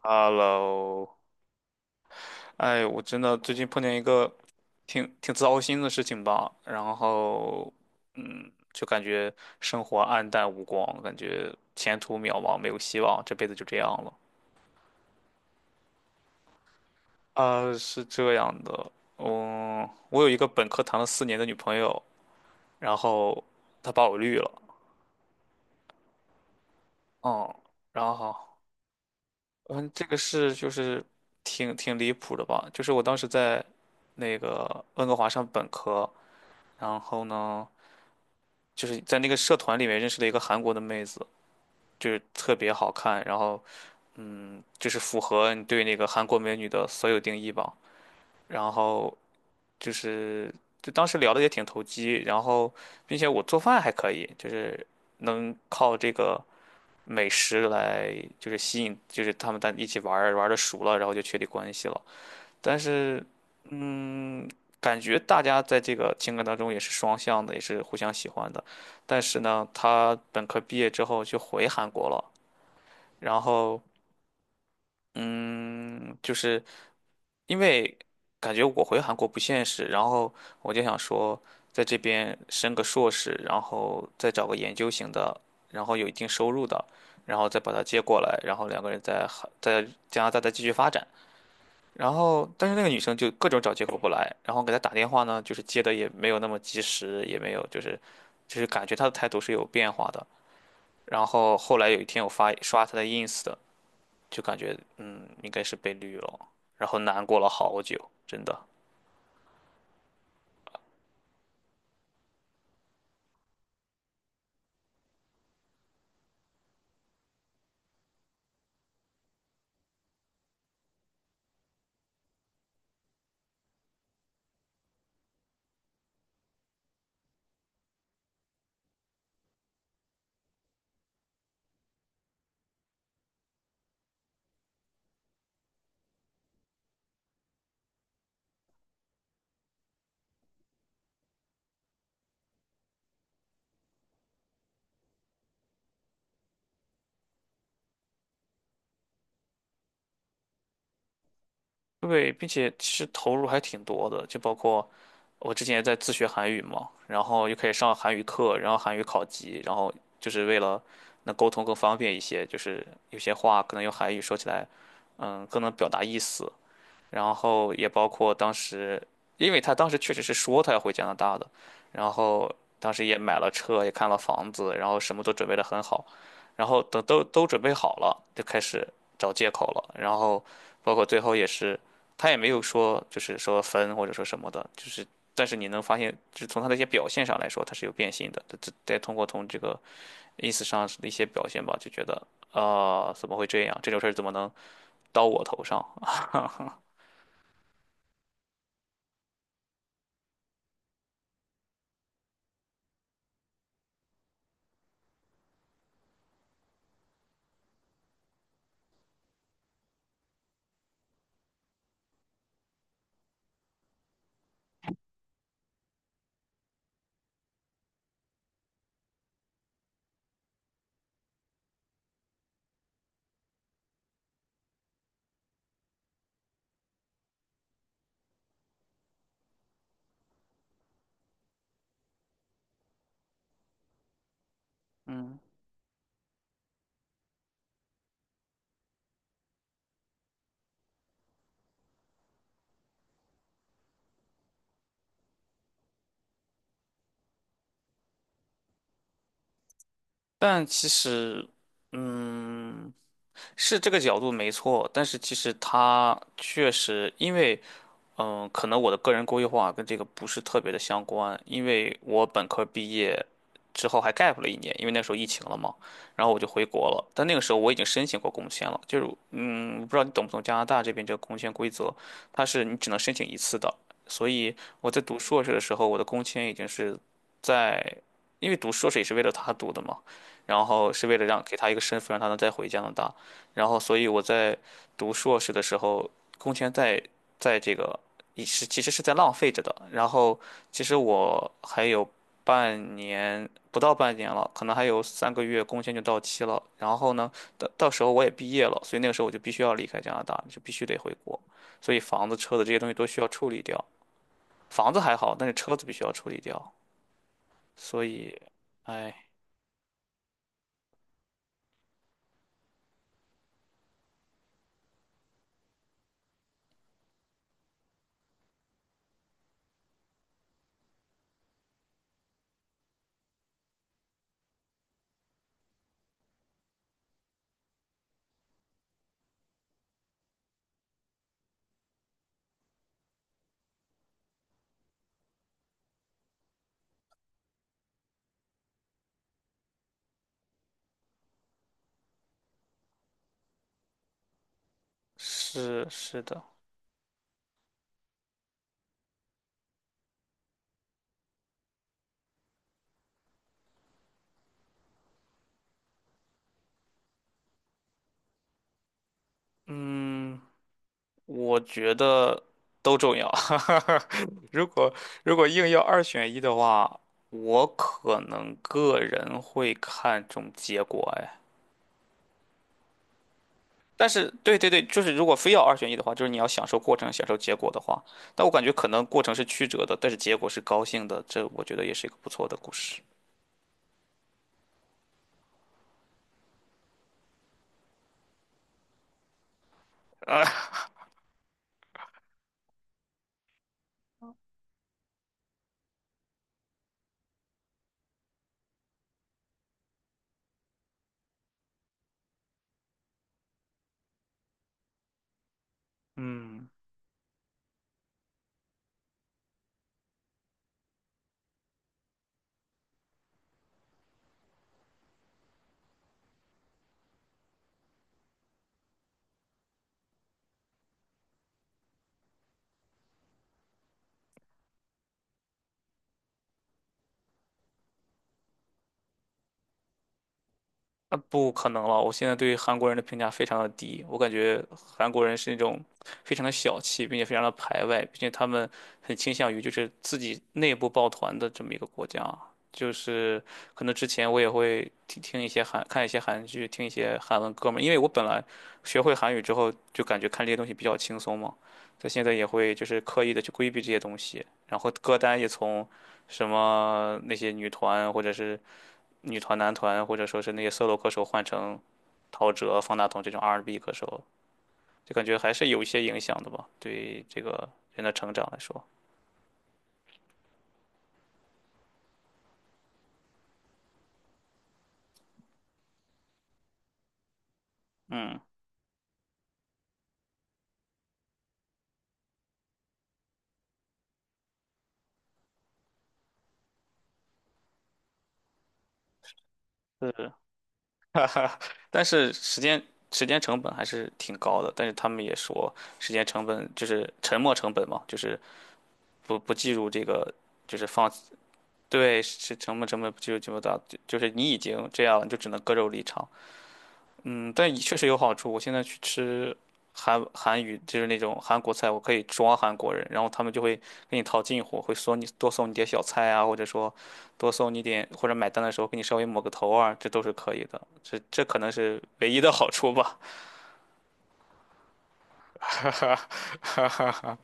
Hello，哎，我真的最近碰见一个挺糟心的事情吧，然后，就感觉生活黯淡无光，感觉前途渺茫，没有希望，这辈子就这样了。啊，是这样的，嗯，我有一个本科谈了4年的女朋友，然后她把我绿了，嗯，然后，嗯，这个事就是挺离谱的吧，就是我当时在那个温哥华上本科，然后呢。就是在那个社团里面认识了一个韩国的妹子，就是特别好看，然后就是符合你对那个韩国美女的所有定义吧。然后就是就当时聊的也挺投机，然后并且我做饭还可以，就是能靠这个美食来就是吸引，就是他们在一起玩儿玩的熟了，然后就确立关系了。但是，嗯，感觉大家在这个情感当中也是双向的，也是互相喜欢的。但是呢，他本科毕业之后就回韩国了，然后，嗯，就是因为感觉我回韩国不现实，然后我就想说，在这边升个硕士，然后再找个研究型的，然后有一定收入的，然后再把他接过来，然后两个人在韩在加拿大再继续发展。然后，但是那个女生就各种找借口不来，然后给她打电话呢，就是接的也没有那么及时，也没有就是，就是感觉她的态度是有变化的。然后后来有一天我刷她的 ins 的，就感觉应该是被绿了，然后难过了好久，真的。对，并且其实投入还挺多的，就包括我之前也在自学韩语嘛，然后又可以上韩语课，然后韩语考级，然后就是为了能沟通更方便一些，就是有些话可能用韩语说起来，更能表达意思，然后也包括当时，因为他当时确实是说他要回加拿大的，然后当时也买了车，也看了房子，然后什么都准备得很好，然后等都准备好了，就开始找借口了，然后包括最后也是，他也没有说就是说分或者说什么的，就是但是你能发现，就是从他的一些表现上来说，他是有变心的，这再通过从这个意思上的一些表现吧，就觉得啊、怎么会这样？这种事儿怎么能到我头上？嗯。但其实，嗯，是这个角度没错，但是其实他确实因为。可能我的个人规划跟这个不是特别的相关，因为我本科毕业之后还 gap 了一年，因为那时候疫情了嘛，然后我就回国了。但那个时候我已经申请过工签了，就是我不知道你懂不懂加拿大这边这个工签规则，它是你只能申请一次的。所以我在读硕士的时候，我的工签已经是在，因为读硕士也是为了他读的嘛，然后是为了让给他一个身份，让他能再回加拿大。然后，所以我在读硕士的时候，工签在这个也是其实是在浪费着的。然后其实我还有半年，不到半年了，可能还有3个月工签就到期了。然后呢，到时候我也毕业了，所以那个时候我就必须要离开加拿大，就必须得回国。所以房子、车子这些东西都需要处理掉。房子还好，但是车子必须要处理掉。所以，哎，是是的，嗯，我觉得都重要。如果硬要二选一的话，我可能个人会看重结果哎。但是，对对对，就是如果非要二选一的话，就是你要享受过程，享受结果的话，但我感觉可能过程是曲折的，但是结果是高兴的，这我觉得也是一个不错的故事。嗯。啊，不可能了！我现在对韩国人的评价非常的低，我感觉韩国人是那种非常的小气，并且非常的排外，并且他们很倾向于就是自己内部抱团的这么一个国家。就是可能之前我也会听听一些看一些韩剧，听一些韩文歌嘛，因为我本来学会韩语之后就感觉看这些东西比较轻松嘛，所以现在也会就是刻意的去规避这些东西，然后歌单也从什么那些女团或者是。女团、男团，或者说是那些 solo 歌手换成陶喆、方大同这种 R&B 歌手，就感觉还是有一些影响的吧，对这个人的成长来说。嗯，是，但是时间成本还是挺高的，但是他们也说时间成本就是沉没成本嘛，就是不计入这个，就是放，对，是沉没成本不计入这么大，就是你已经这样了，你就只能割肉离场。嗯，但也确实有好处。我现在去吃韩语，就是那种韩国菜，我可以装韩国人，然后他们就会跟你套近乎，会多送你点小菜啊，或者说多送你点，或者买单的时候给你稍微抹个头啊，这都是可以的。这可能是唯一的好处吧。哈哈哈，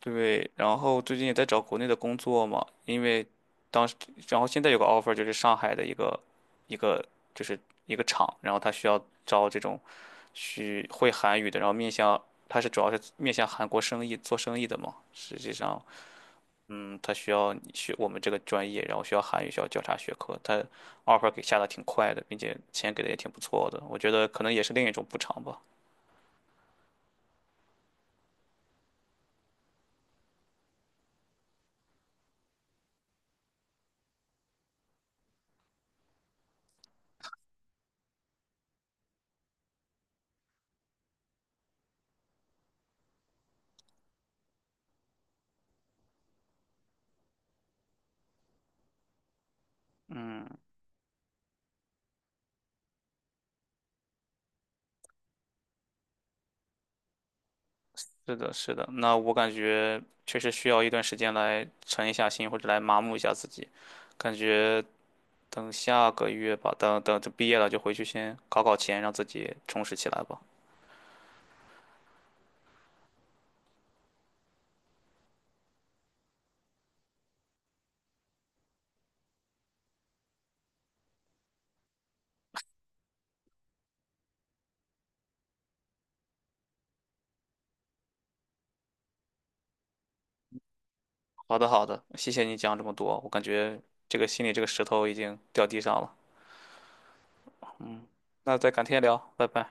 对，然后最近也在找国内的工作嘛，因为当时，然后现在有个 offer 就是上海的一个就是一个厂，然后他需要招这种。去会韩语的，然后面向他是主要是面向韩国生意做生意的嘛。实际上，他需要你学我们这个专业，然后需要韩语，需要交叉学科。他 offer 给下的挺快的，并且钱给的也挺不错的。我觉得可能也是另一种补偿吧。是的，是的。那我感觉确实需要一段时间来沉一下心，或者来麻木一下自己。感觉等下个月吧，等等就毕业了就回去先搞搞钱，让自己充实起来吧。好的，好的，谢谢你讲这么多，我感觉这个心里这个石头已经掉地上了。那再改天聊，拜拜。